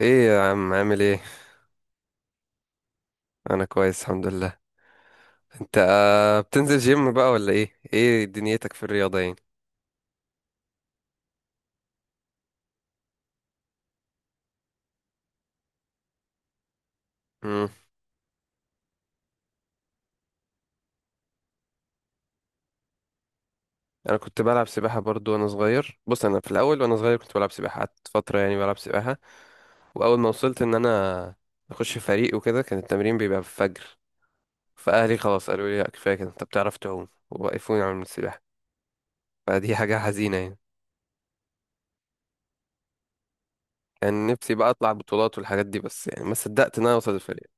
ايه يا عم، عامل ايه؟ انا كويس، الحمد لله. انت بتنزل جيم بقى، ولا ايه دنيتك في الرياضه يعني؟ امم انا كنت بلعب سباحه برضو وانا صغير. بص، انا في الاول وانا صغير كنت بلعب سباحه، قعدت فتره يعني بلعب سباحه. واول ما وصلت ان انا اخش فريق وكده، كان التمرين بيبقى في الفجر. فاهلي خلاص قالوا لي لا، كفايه كده، انت بتعرف تعوم، ووقفوني عن السباحه. فدي حاجه حزينه يعني. كان نفسي بقى اطلع بطولات والحاجات دي، بس يعني ما صدقت ان انا اوصل الفريق.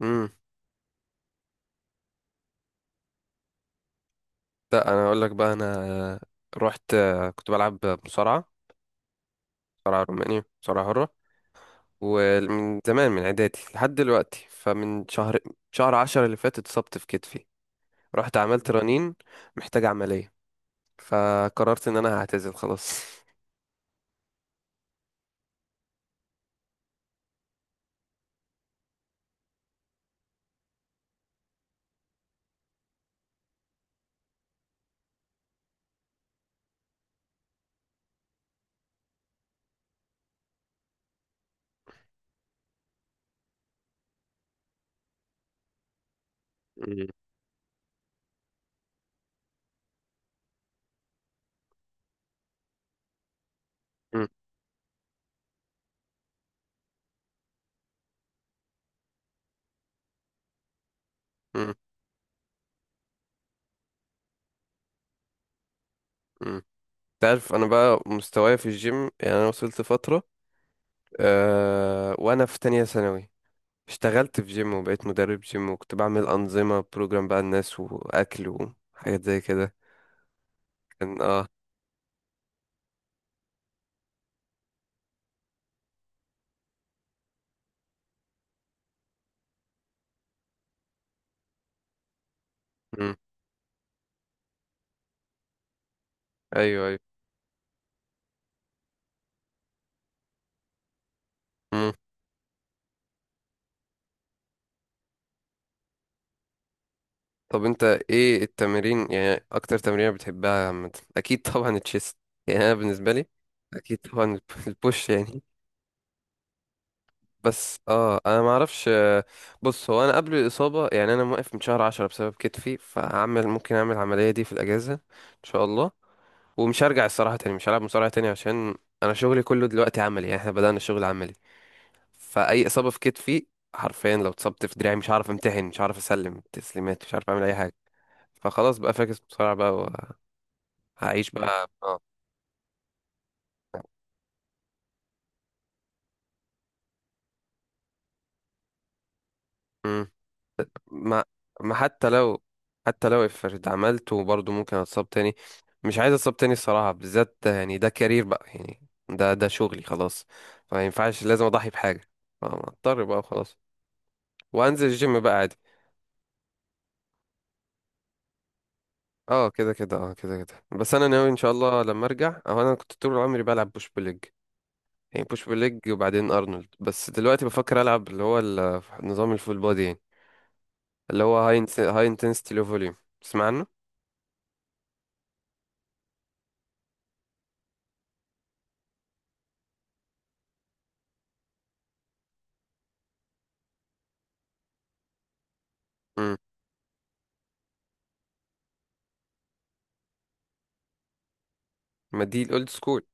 امم لا، انا اقول لك بقى، انا رحت كنت بلعب مصارعه، مصارعه روماني، مصارعه حره. ومن زمان، من اعدادي لحد دلوقتي، فمن شهر 10 اللي فات اتصبت في كتفي. رحت عملت رنين، محتاج عمليه، فقررت ان انا هعتزل خلاص. مم. مم. مم. مم. تعرف، انا بقى مستواي في الجيم، يعني انا وصلت فتره وانا في تانية ثانوي اشتغلت في جيم وبقيت مدرب جيم، وكنت بعمل انظمه، بروجرام بقى الناس، واكل وحاجات زي كده. كان مم. ايوه، ايوه. مم. طب، انت ايه التمارين، يعني اكتر تمرين بتحبها عامة؟ اكيد طبعا التشيست، يعني انا بالنسبة لي اكيد طبعا البوش يعني. بس انا ما اعرفش. بص، هو انا قبل الاصابة، يعني انا موقف من شهر 10 بسبب كتفي، فهعمل، ممكن اعمل العملية دي في الاجازة ان شاء الله. ومش هرجع الصراحة تاني، مش هلعب مصارعة تاني، عشان انا شغلي كله دلوقتي عملي، يعني احنا بدأنا الشغل عملي. فاي اصابه في كتفي، حرفيا لو اتصبت في دراعي، مش هعرف امتحن، مش هعرف اسلم تسليمات، مش عارف اعمل اي حاجه. فخلاص بقى، فاكس بسرعه بقى، وهعيش بقى مم. ما ما حتى لو افرض عملته برضه ممكن اتصاب تاني. مش عايز اتصاب تاني الصراحه، بالذات يعني ده كارير بقى يعني، ده شغلي خلاص. فما ينفعش، لازم اضحي بحاجه. اضطر بقى وخلاص. وانزل الجيم بقى عادي. اه، كده كده، اه، كده كده. بس انا ناوي ان شاء الله لما ارجع، او انا كنت طول عمري بلعب بوش بول ليج، يعني بوش بليج، وبعدين ارنولد. بس دلوقتي بفكر العب اللي هو نظام الفول بودي يعني. اللي هو هاي انتنسيتي لو فوليوم، تسمع عنه؟ امم ما دي الاولد سكول.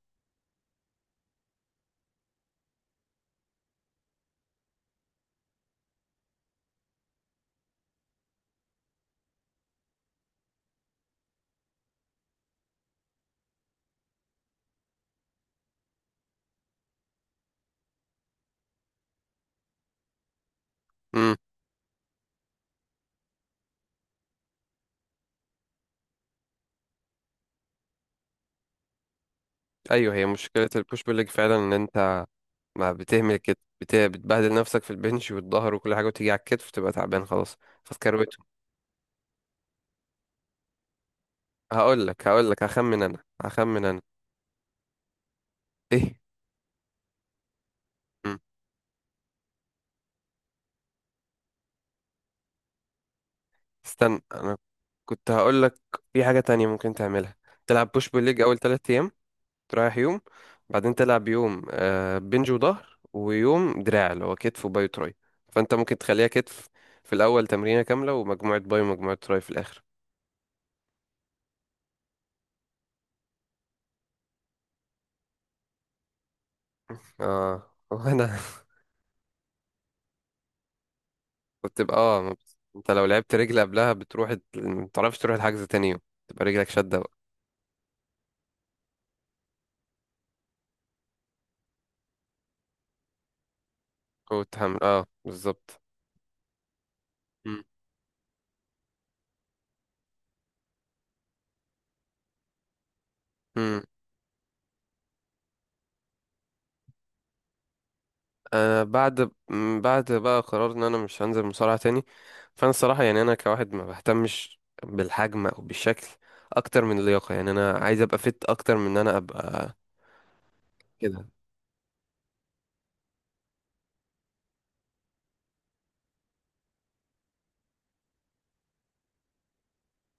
امم، ايوه، هي مشكله البوش بليج فعلا ان انت ما بتهمل كده، بتبهدل نفسك في البنش والظهر وكل حاجه، وتيجي على الكتف تبقى تعبان خلاص. فتكروته. هقول لك، هخمن انا ايه. مم. استنى، انا كنت هقول لك في حاجه تانية ممكن تعملها. تلعب بوش بول ليج اول 3، تريح يوم، بعدين تلعب يوم بنج وظهر، ويوم دراع اللي هو كتف وباي وتراي. فانت ممكن تخليها كتف في الاول، تمرينه كامله، ومجموعه باي ومجموعه تراي في الاخر. اه، وانا وبتبقى اه، ما بت- انت لو لعبت رجل قبلها بتروح ما بتعرفش تروح الحجز تاني يوم، تبقى رجلك شده بقى وتحمل. اه، بالظبط. مم. انا بعد، بعد بقى قرار ان انا مش هنزل مصارعة تاني. فانا الصراحة يعني انا كواحد ما بهتمش بالحجم او بالشكل اكتر من اللياقة، يعني انا عايز ابقى فت اكتر من ان انا ابقى كده.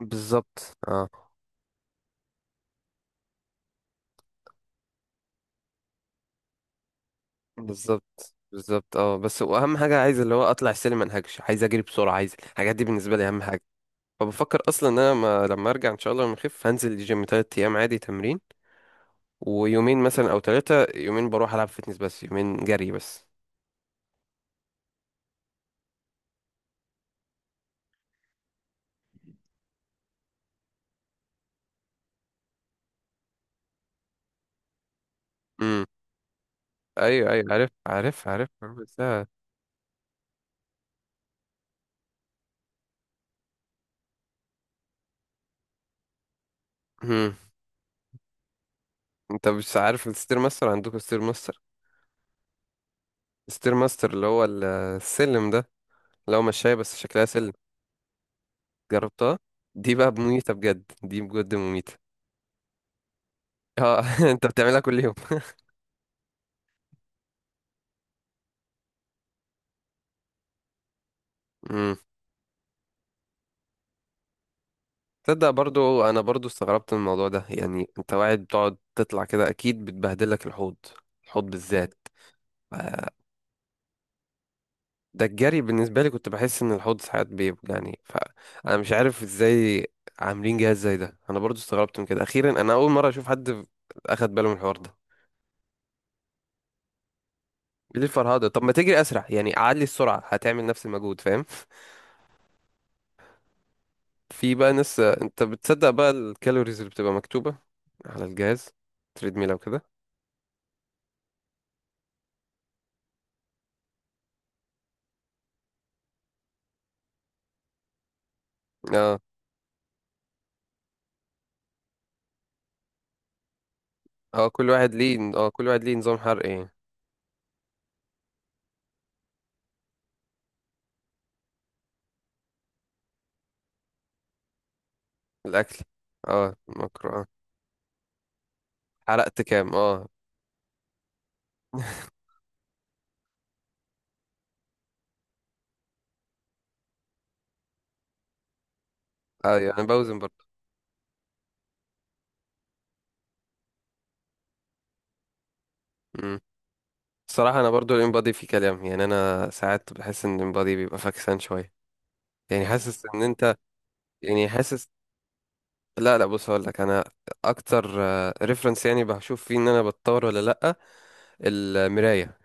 بالظبط، اه، بالظبط، بالظبط. اه، بس واهم حاجة عايز اللي هو اطلع السلم ما انهكش، عايز اجري بسرعة، عايز الحاجات دي، بالنسبة لي اهم حاجة. فبفكر اصلا ان انا ما لما ارجع ان شاء الله، لما اخف، هنزل الجيم 3 ايام عادي تمرين، ويومين مثلا، او ثلاثة، يومين بروح العب فيتنس، بس يومين جري بس. ايوه، ايوه، عارف، عارف، عارف، عارف ده. مم. انت مش عارف الستير ماستر؟ عندكم ستير ماستر؟ ستير ماستر اللي هو السلم ده، اللي هو مشاية بس شكلها سلم. جربتها؟ دي بقى مميتة بجد، دي بجد مميتة. اه انت بتعملها كل يوم؟ مم. تصدق، برضو انا برضو استغربت من الموضوع ده، يعني انت واحد بتقعد تطلع كده اكيد بتبهدلك الحوض، الحوض بالذات. ده الجري بالنسبة لي كنت بحس إن الحوض ساعات بيوجعني، فأنا مش عارف إزاي عاملين جهاز زي ده. أنا برضو استغربت من كده، أخيرا أنا أول مرة أشوف حد أخد باله من الحوار ده. ليه الفرهدة؟ طب ما تجري أسرع، يعني أعلي السرعة هتعمل نفس المجهود، فاهم؟ في بقى ناس، أنت بتصدق بقى الكالوريز اللي بتبقى مكتوبة على الجهاز، تريدميل أو كده؟ اه اه كل واحد ليه، كل واحد ليه نظام حرق ايه. الأكل. اه مكرو. اه حرقت كام. اه اه، يعني بوزن برضه. الصراحة أنا برضو الإمبادي في كلام، يعني أنا ساعات بحس إن الإمبادي بيبقى فاكسان شوية. يعني حاسس إن أنت، يعني حاسس، لا، لا، بص هقول لك أنا. أكتر ريفرنس يعني بشوف فيه إن أنا بتطور ولا لأ، المراية.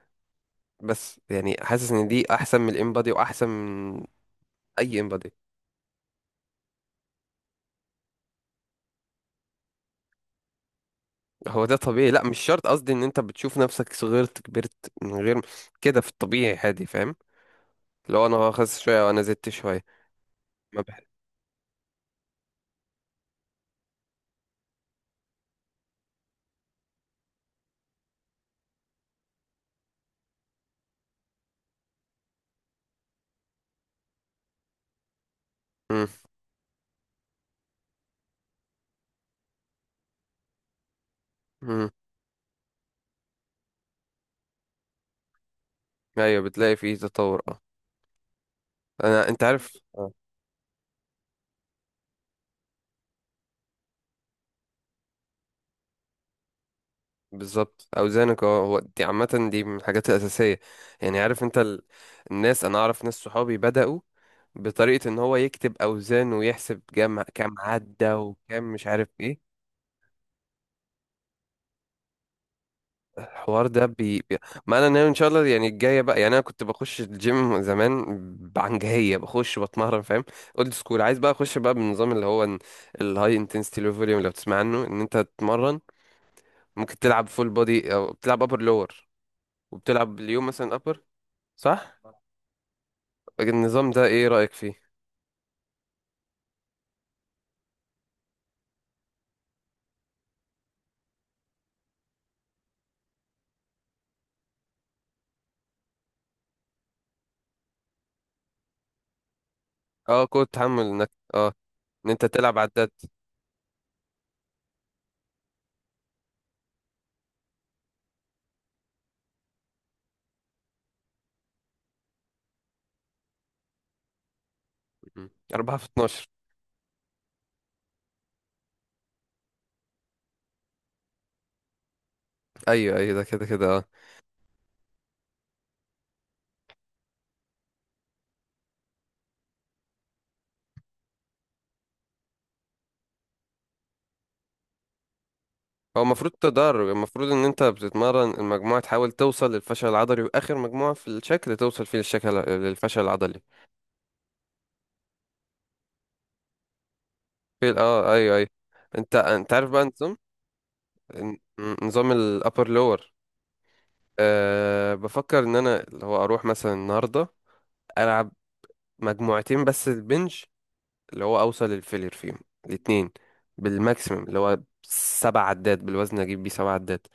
بس يعني حاسس إن دي أحسن من الإمبادي وأحسن من أي إمبادي. هو ده طبيعي، لا، مش شرط، قصدي إن أنت بتشوف نفسك صغرت كبرت من غير كده، في الطبيعي عادي، فاهم؟ لو أنا خس شوية وأنا زدت شوية. ما بح... مم. مم. أيوه، بتلاقي فيه تطور. أنا، أنت عارف. آه. بالظبط، اوزانك. اه هو دي عامه، دي من الحاجات الاساسيه، يعني. عارف انت الناس، انا اعرف ناس صحابي بداوا بطريقه ان هو يكتب اوزان، ويحسب كام عدى وكام، مش عارف ايه. الحوار ده. ما انا ناوي ان شاء الله يعني الجايه بقى، يعني انا كنت بخش الجيم زمان بعنجهيه، بخش بتمرن فاهم، اولد سكول. عايز بقى اخش بقى بالنظام اللي هو الهاي انتنسيتي لو فوليوم، لو تسمع عنه، ان انت تتمرن ممكن تلعب فول بودي، او بتلعب ابر لور، وبتلعب اليوم مثلا ابر. صح؟ طيب، النظام ده ايه رأيك فيه؟ اه، قوة تحمل، انك ان انت تلعب عداد. مم. أربعة في 12. ايوه، ايوه، ده كده كده اه. هو المفروض تدرج، المفروض ان انت بتتمرن المجموعة تحاول توصل للفشل العضلي، واخر مجموعة في الشكل توصل فيه للشكل، للفشل العضلي. في ايوه، ايوه. انت عارف بقى نظام، ن- نظام الابر لور. بفكر ان انا اللي هو اروح مثلا النهارده العب مجموعتين بس البنج، اللي هو اوصل للفيلير فيهم الاتنين، بالماكسيمم اللي هو 7 عدات، بالوزن اجيب بيه 7 عدات.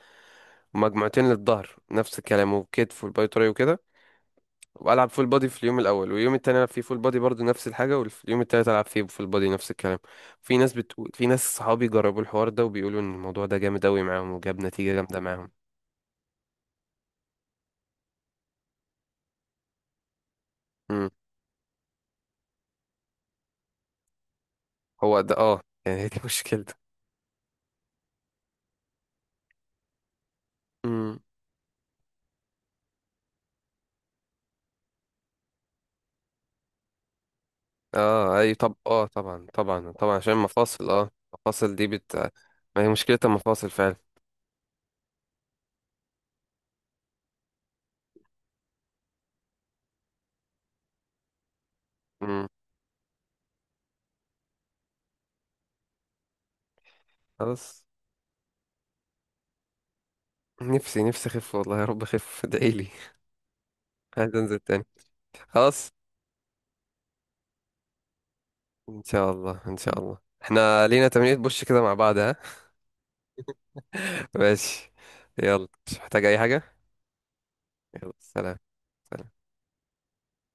ومجموعتين للظهر نفس الكلام، وكتف، والباي تراي وكده. والعب فول بودي في اليوم الاول، واليوم التاني العب فيه فول بودي برضه نفس الحاجه، واليوم التالت العب فيه فول بودي نفس الكلام. في ناس بتقول، في ناس صحابي جربوا الحوار ده، وبيقولوا ان الموضوع ده جامد قوي معاهم وجاب نتيجه جامده معاهم. امم هو ده، يعني هي دي مشكلته. امم اه اي طب، طبعا طبعا طبعا، عشان المفاصل. اه المفاصل دي ما هي مشكله المفاصل فعلا. مم. خلاص، نفسي نفسي اخف، والله يا رب اخف ادعيلي. عايز انزل تاني خلاص، ان شاء الله، ان شاء الله احنا لينا تمرينة بوش كده مع بعض، ها. ماشي. يلا، مش محتاج اي حاجة. يلا، سلام. سلام.